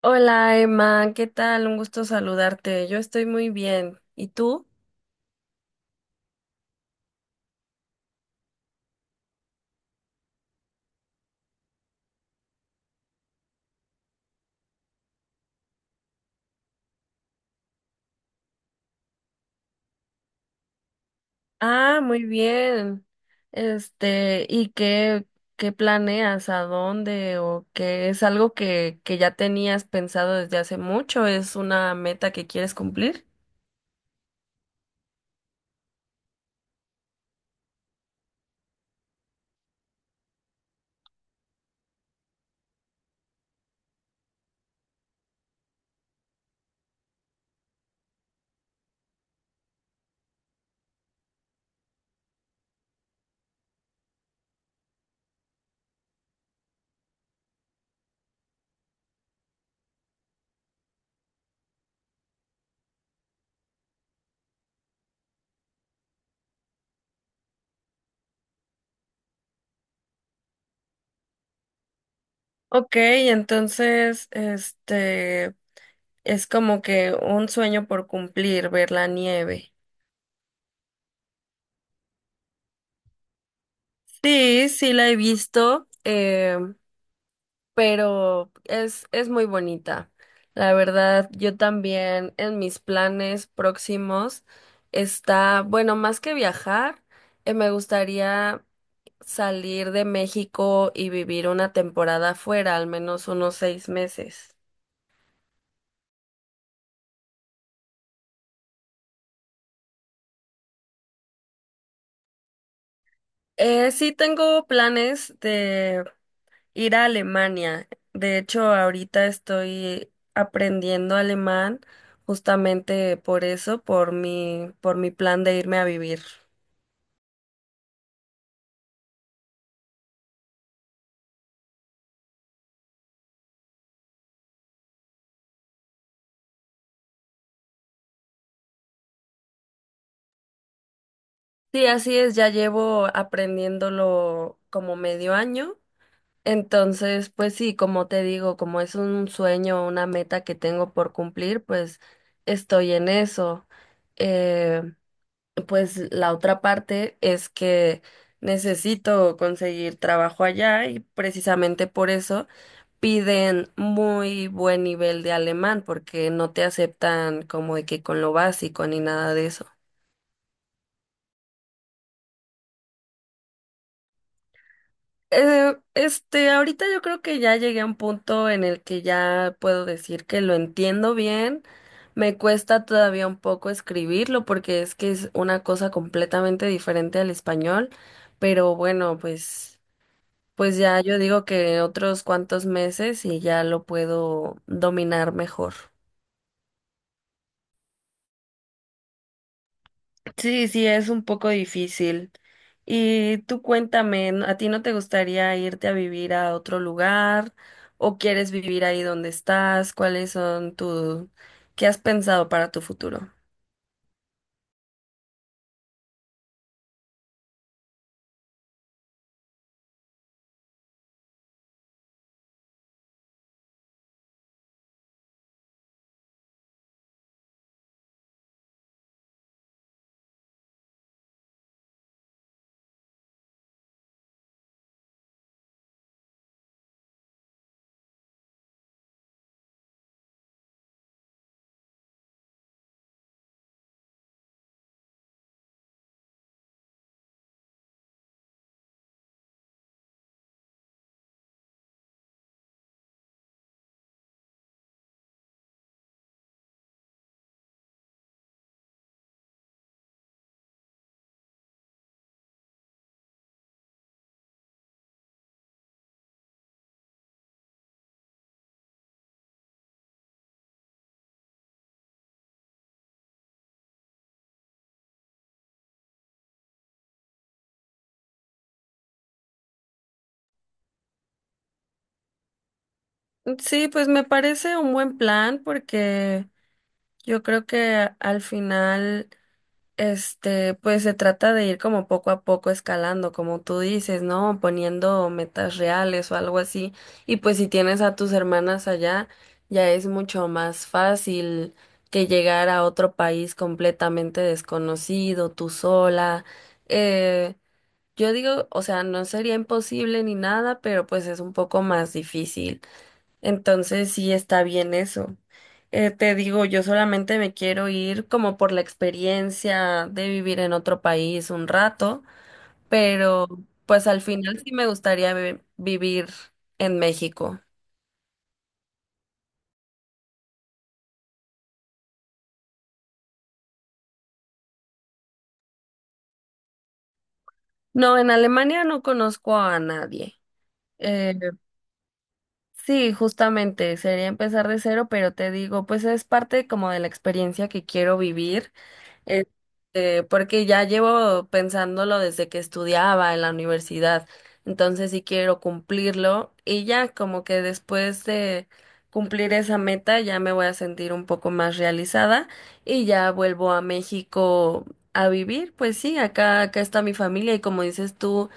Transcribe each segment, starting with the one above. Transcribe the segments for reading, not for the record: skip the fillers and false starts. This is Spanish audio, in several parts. Hola Emma, ¿qué tal? Un gusto saludarte. Yo estoy muy bien. ¿Y tú? Ah, muy bien. ¿Y qué planeas? ¿A dónde? ¿O qué es algo que ya tenías pensado desde hace mucho? ¿Es una meta que quieres cumplir? Ok, entonces, es como que un sueño por cumplir, ver la nieve. Sí, sí la he visto. Pero es muy bonita. La verdad, yo también en mis planes próximos está, bueno, más que viajar, me gustaría salir de México y vivir una temporada fuera, al menos unos seis meses. Sí tengo planes de ir a Alemania. De hecho, ahorita estoy aprendiendo alemán justamente por eso, por mi plan de irme a vivir. Sí, así es, ya llevo aprendiéndolo como medio año. Entonces, pues sí, como te digo, como es un sueño, una meta que tengo por cumplir, pues estoy en eso. Eh, pues la otra parte es que necesito conseguir trabajo allá y precisamente por eso piden muy buen nivel de alemán porque no te aceptan como de que con lo básico ni nada de eso. Ahorita yo creo que ya llegué a un punto en el que ya puedo decir que lo entiendo bien. Me cuesta todavía un poco escribirlo porque es que es una cosa completamente diferente al español, pero bueno, pues ya yo digo que otros cuantos meses y ya lo puedo dominar mejor. Sí, sí, es un poco difícil. Y tú cuéntame, ¿a ti no te gustaría irte a vivir a otro lugar o quieres vivir ahí donde estás? ¿Qué has pensado para tu futuro? Sí, pues me parece un buen plan porque yo creo que al final, pues se trata de ir como poco a poco escalando, como tú dices, ¿no? Poniendo metas reales o algo así. Y pues si tienes a tus hermanas allá, ya es mucho más fácil que llegar a otro país completamente desconocido, tú sola. Eh, yo digo, o sea, no sería imposible ni nada, pero pues es un poco más difícil. Entonces sí está bien eso. Te digo, yo solamente me quiero ir como por la experiencia de vivir en otro país un rato, pero pues al final sí me gustaría vivir en México. No, en Alemania no conozco a nadie. Eh, sí, justamente sería empezar de cero, pero te digo, pues es parte como de la experiencia que quiero vivir. Este, porque ya llevo pensándolo desde que estudiaba en la universidad, entonces sí quiero cumplirlo y ya como que después de cumplir esa meta ya me voy a sentir un poco más realizada y ya vuelvo a México a vivir, pues sí, acá está mi familia y como dices tú,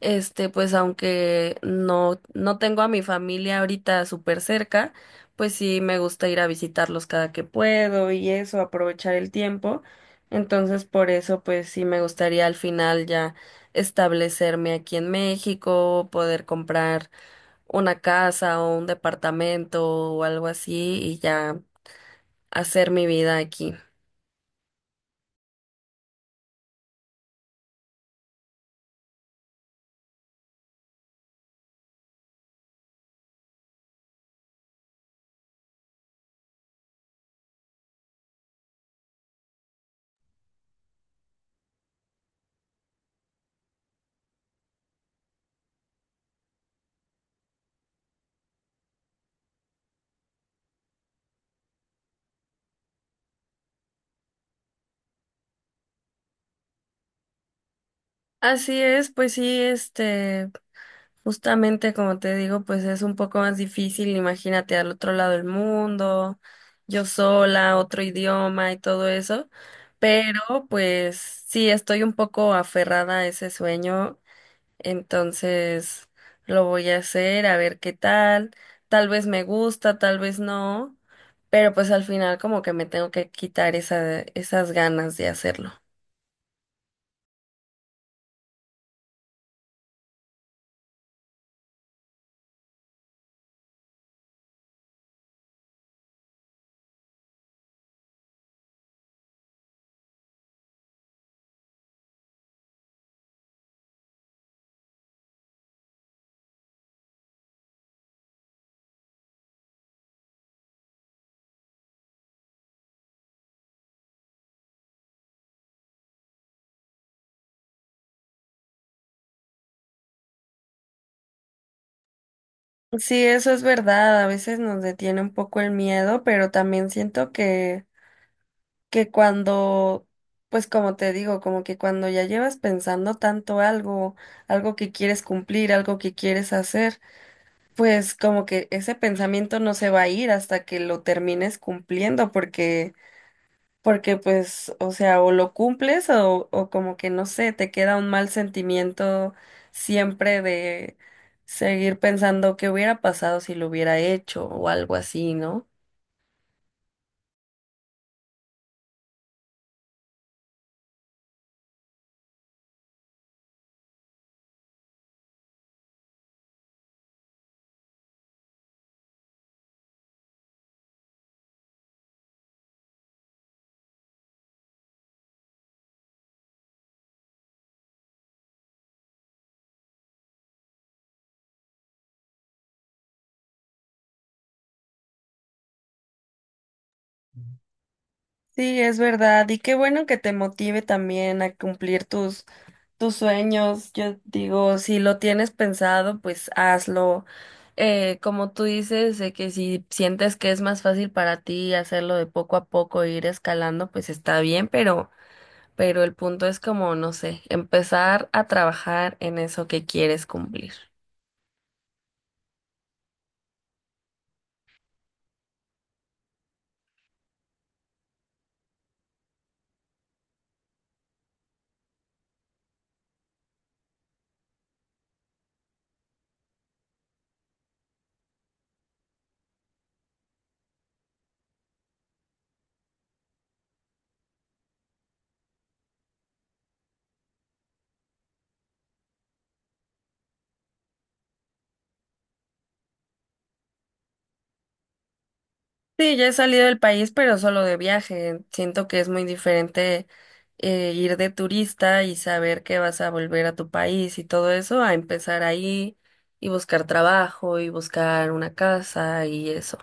este, pues aunque no tengo a mi familia ahorita súper cerca, pues sí me gusta ir a visitarlos cada que puedo y eso, aprovechar el tiempo. Entonces, por eso, pues sí me gustaría al final ya establecerme aquí en México, poder comprar una casa o un departamento o algo así y ya hacer mi vida aquí. Así es, pues sí, este, justamente como te digo, pues es un poco más difícil, imagínate al otro lado del mundo, yo sola, otro idioma y todo eso, pero pues sí, estoy un poco aferrada a ese sueño. Entonces lo voy a hacer, a ver qué tal. Tal vez me gusta, tal vez no, pero pues al final como que me tengo que quitar esas ganas de hacerlo. Sí, eso es verdad, a veces nos detiene un poco el miedo, pero también siento que cuando, pues como te digo, como que cuando ya llevas pensando tanto algo, algo que quieres cumplir, algo que quieres hacer, pues como que ese pensamiento no se va a ir hasta que lo termines cumpliendo, porque pues, o sea, o lo cumples o como que no sé, te queda un mal sentimiento siempre de seguir pensando qué hubiera pasado si lo hubiera hecho o algo así, ¿no? Sí, es verdad. Y qué bueno que te motive también a cumplir tus sueños. Yo digo, si lo tienes pensado, pues hazlo. Como tú dices, de que si sientes que es más fácil para ti hacerlo de poco a poco, e ir escalando, pues está bien, pero el punto es como, no sé, empezar a trabajar en eso que quieres cumplir. Sí, ya he salido del país, pero solo de viaje. Siento que es muy diferente ir de turista y saber que vas a volver a tu país y todo eso, a empezar ahí y buscar trabajo y buscar una casa y eso.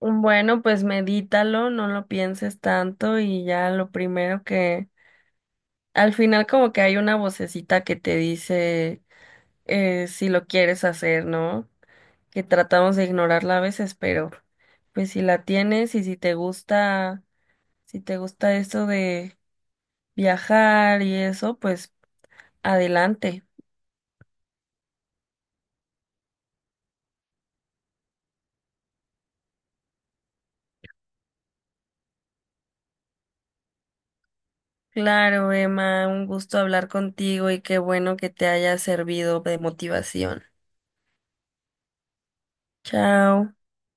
Bueno, pues medítalo, no lo pienses tanto y ya lo primero que al final como que hay una vocecita que te dice si lo quieres hacer, ¿no? Que tratamos de ignorarla a veces, pero pues si la tienes y si te gusta, si te gusta esto de viajar y eso, pues adelante. Claro, Emma, un gusto hablar contigo y qué bueno que te haya servido de motivación. Chao.